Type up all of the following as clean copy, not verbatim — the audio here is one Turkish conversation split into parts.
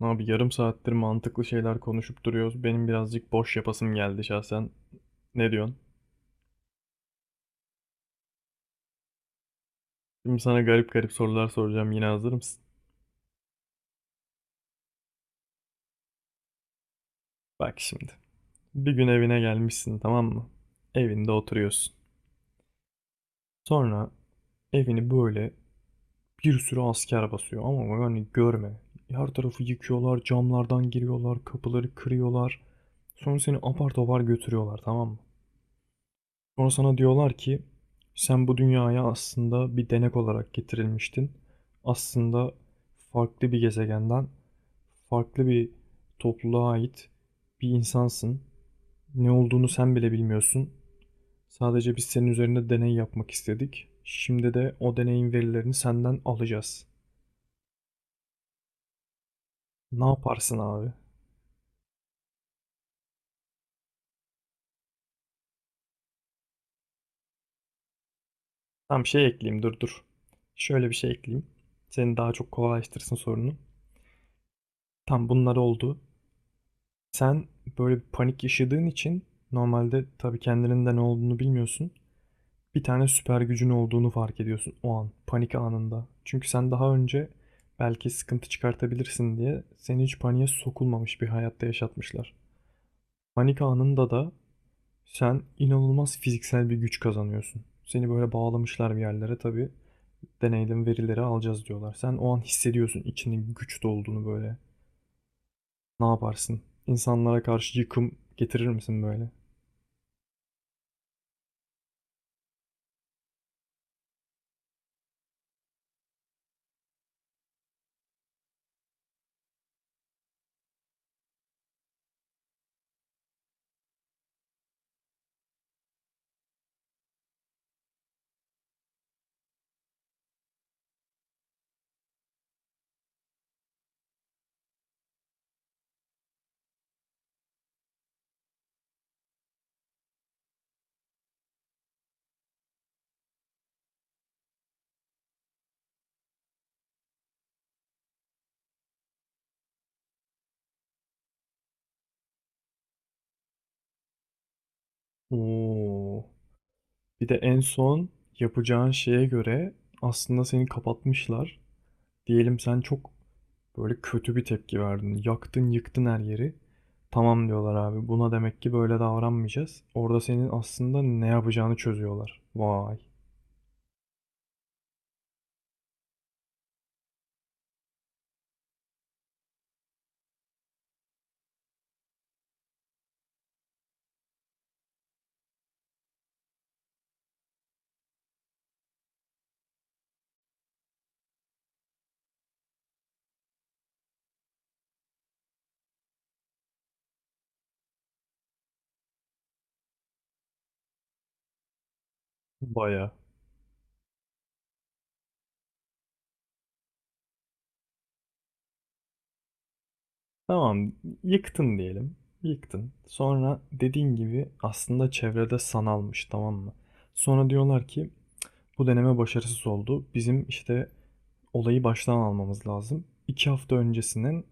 Abi yarım saattir mantıklı şeyler konuşup duruyoruz. Benim birazcık boş yapasım geldi şahsen. Ne diyorsun? Şimdi sana garip garip sorular soracağım. Yine hazır mısın? Bak şimdi. Bir gün evine gelmişsin, tamam mı? Evinde oturuyorsun. Sonra evini böyle bir sürü asker basıyor ama yani görme. Her tarafı yıkıyorlar, camlardan giriyorlar, kapıları kırıyorlar. Sonra seni apar topar götürüyorlar, tamam mı? Sonra sana diyorlar ki sen bu dünyaya aslında bir denek olarak getirilmiştin. Aslında farklı bir gezegenden, farklı bir topluluğa ait bir insansın. Ne olduğunu sen bile bilmiyorsun. Sadece biz senin üzerinde deney yapmak istedik. Şimdi de o deneyin verilerini senden alacağız. Ne yaparsın abi? Tam şey ekleyeyim, dur dur. Şöyle bir şey ekleyeyim. Seni daha çok kolaylaştırsın sorunu. Tam bunlar oldu. Sen böyle bir panik yaşadığın için normalde tabii kendinin de ne olduğunu bilmiyorsun. Bir tane süper gücün olduğunu fark ediyorsun o an, panik anında. Çünkü sen daha önce belki sıkıntı çıkartabilirsin diye seni hiç paniğe sokulmamış bir hayatta yaşatmışlar. Panik anında da sen inanılmaz fiziksel bir güç kazanıyorsun. Seni böyle bağlamışlar bir yerlere tabii. Deneyden verileri alacağız diyorlar. Sen o an hissediyorsun içinde güç dolduğunu böyle. Ne yaparsın? İnsanlara karşı yıkım getirir misin böyle? Oo. Bir de en son yapacağın şeye göre aslında seni kapatmışlar. Diyelim sen çok böyle kötü bir tepki verdin. Yaktın, yıktın her yeri. Tamam diyorlar abi. Buna demek ki böyle davranmayacağız. Orada senin aslında ne yapacağını çözüyorlar. Vay. Baya. Tamam, yıktın diyelim. Yıktın. Sonra dediğin gibi aslında çevrede sanalmış, tamam mı? Sonra diyorlar ki bu deneme başarısız oldu. Bizim işte olayı baştan almamız lazım. 2 hafta öncesinin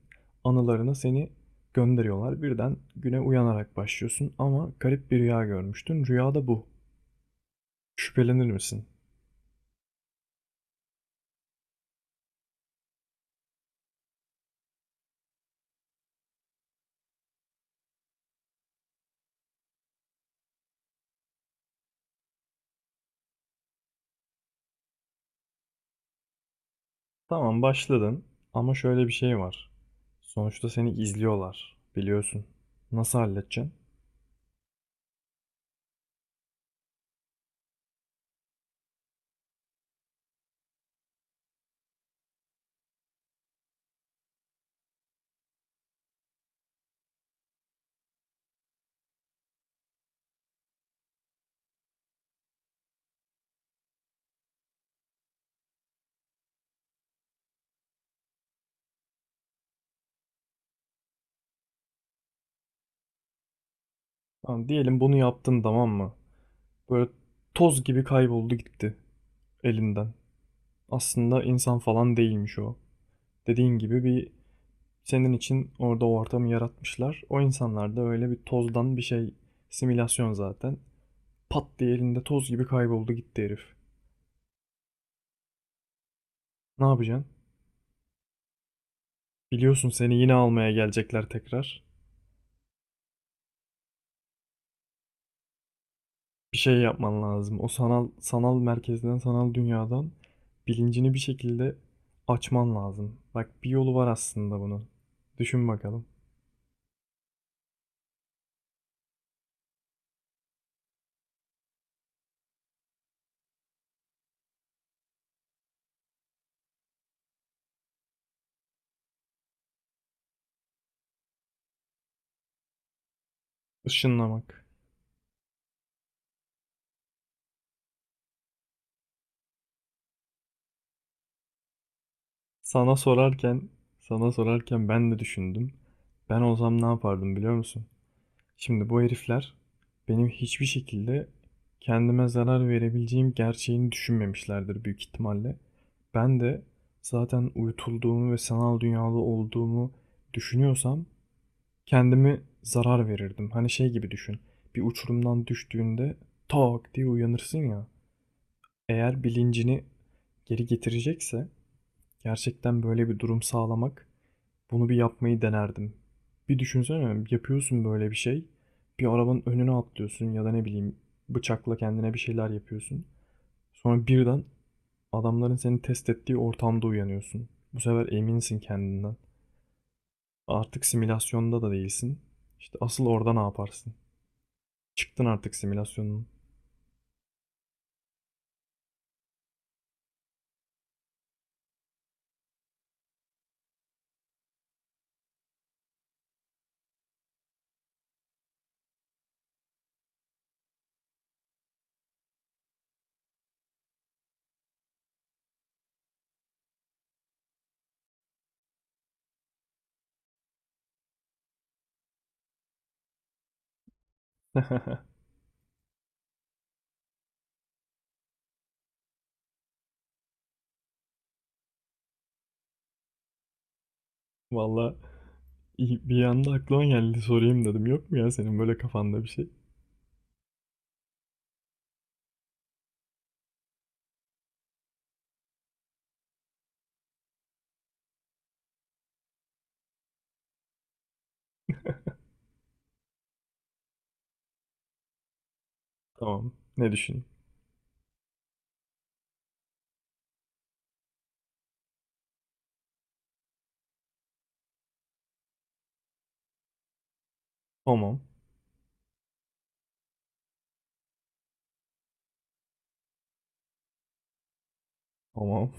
anılarına seni gönderiyorlar. Birden güne uyanarak başlıyorsun ama garip bir rüya görmüştün. Rüya da bu. Şüphelenir misin? Tamam başladın ama şöyle bir şey var. Sonuçta seni izliyorlar. Biliyorsun. Nasıl halledeceksin? Tamam, diyelim bunu yaptın, tamam mı? Böyle toz gibi kayboldu gitti elinden. Aslında insan falan değilmiş o. Dediğin gibi bir senin için orada o ortamı yaratmışlar. O insanlar da öyle bir tozdan bir şey, simülasyon zaten. Pat diye elinde toz gibi kayboldu gitti herif. Ne yapacaksın? Biliyorsun seni yine almaya gelecekler tekrar. Bir şey yapman lazım. O sanal sanal merkezden, sanal dünyadan bilincini bir şekilde açman lazım. Bak bir yolu var aslında bunun. Düşün bakalım. Işınlamak. Sana sorarken, sana sorarken, ben de düşündüm. Ben olsam ne yapardım biliyor musun? Şimdi bu herifler benim hiçbir şekilde kendime zarar verebileceğim gerçeğini düşünmemişlerdir büyük ihtimalle. Ben de zaten uyutulduğumu ve sanal dünyalı olduğumu düşünüyorsam kendime zarar verirdim. Hani şey gibi düşün. Bir uçurumdan düştüğünde tak diye uyanırsın ya. Eğer bilincini geri getirecekse gerçekten böyle bir durum sağlamak, bunu bir yapmayı denerdim. Bir düşünsene, yapıyorsun böyle bir şey. Bir arabanın önüne atlıyorsun ya da ne bileyim bıçakla kendine bir şeyler yapıyorsun. Sonra birden adamların seni test ettiği ortamda uyanıyorsun. Bu sefer eminsin kendinden. Artık simülasyonda da değilsin. İşte asıl orada ne yaparsın? Çıktın artık simülasyonun. Valla bir anda aklıma geldi sorayım dedim. Yok mu ya senin böyle kafanda bir şey? Tamam. Ne düşün? Tamam. Tamam.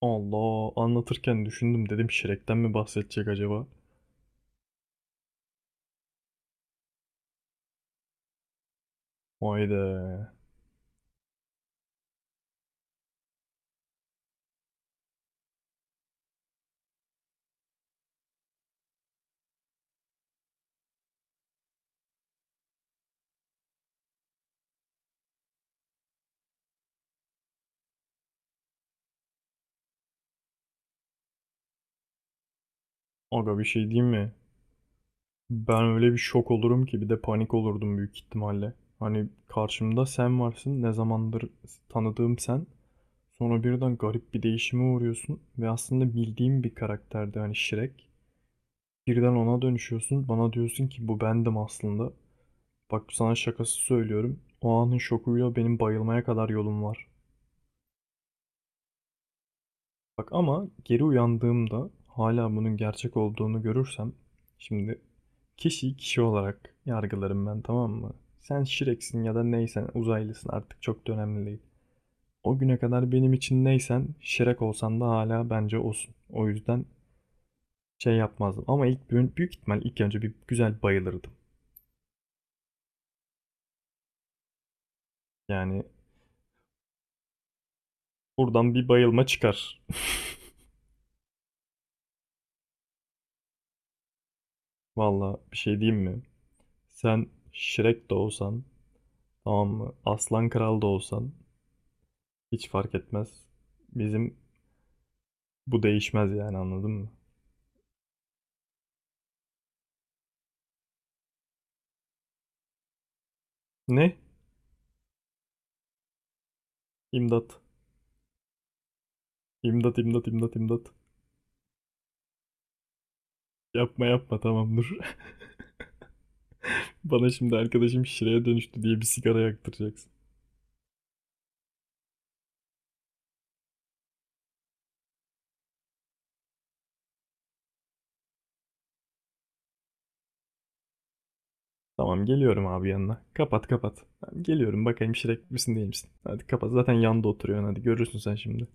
Allah, anlatırken düşündüm dedim Shrek'ten mi bahsedecek acaba? Vay be. Aga bir şey diyeyim mi? Ben öyle bir şok olurum ki bir de panik olurdum büyük ihtimalle. Hani karşımda sen varsın, ne zamandır tanıdığım sen. Sonra birden garip bir değişime uğruyorsun ve aslında bildiğim bir karakterdi hani Shrek. Birden ona dönüşüyorsun, bana diyorsun ki bu bendim aslında. Bak sana şakası söylüyorum. O anın şokuyla benim bayılmaya kadar yolum var. Bak ama geri uyandığımda hala bunun gerçek olduğunu görürsem, şimdi kişiyi kişi olarak yargılarım ben, tamam mı? Sen Shrek'sin ya da neysen, uzaylısın, artık çok da önemli değil. O güne kadar benim için neysen, Shrek olsan da hala bence olsun. O yüzden şey yapmazdım ama ilk büyük, büyük ihtimal ilk önce bir güzel bayılırdım. Yani buradan bir bayılma çıkar. Vallahi bir şey diyeyim mi? Sen Shrek de olsan, tamam mı? Aslan Kral da olsan hiç fark etmez. Bizim bu değişmez yani, anladın mı? Ne? İmdat. İmdat, imdat, imdat, imdat. Yapma yapma tamam dur. Bana şimdi arkadaşım şireye dönüştü diye bir sigara yaktıracaksın. Tamam geliyorum abi yanına. Kapat kapat. Tamam, geliyorum bakayım şirek misin değil misin? Hadi kapat, zaten yanda oturuyorsun, hadi görürsün sen şimdi.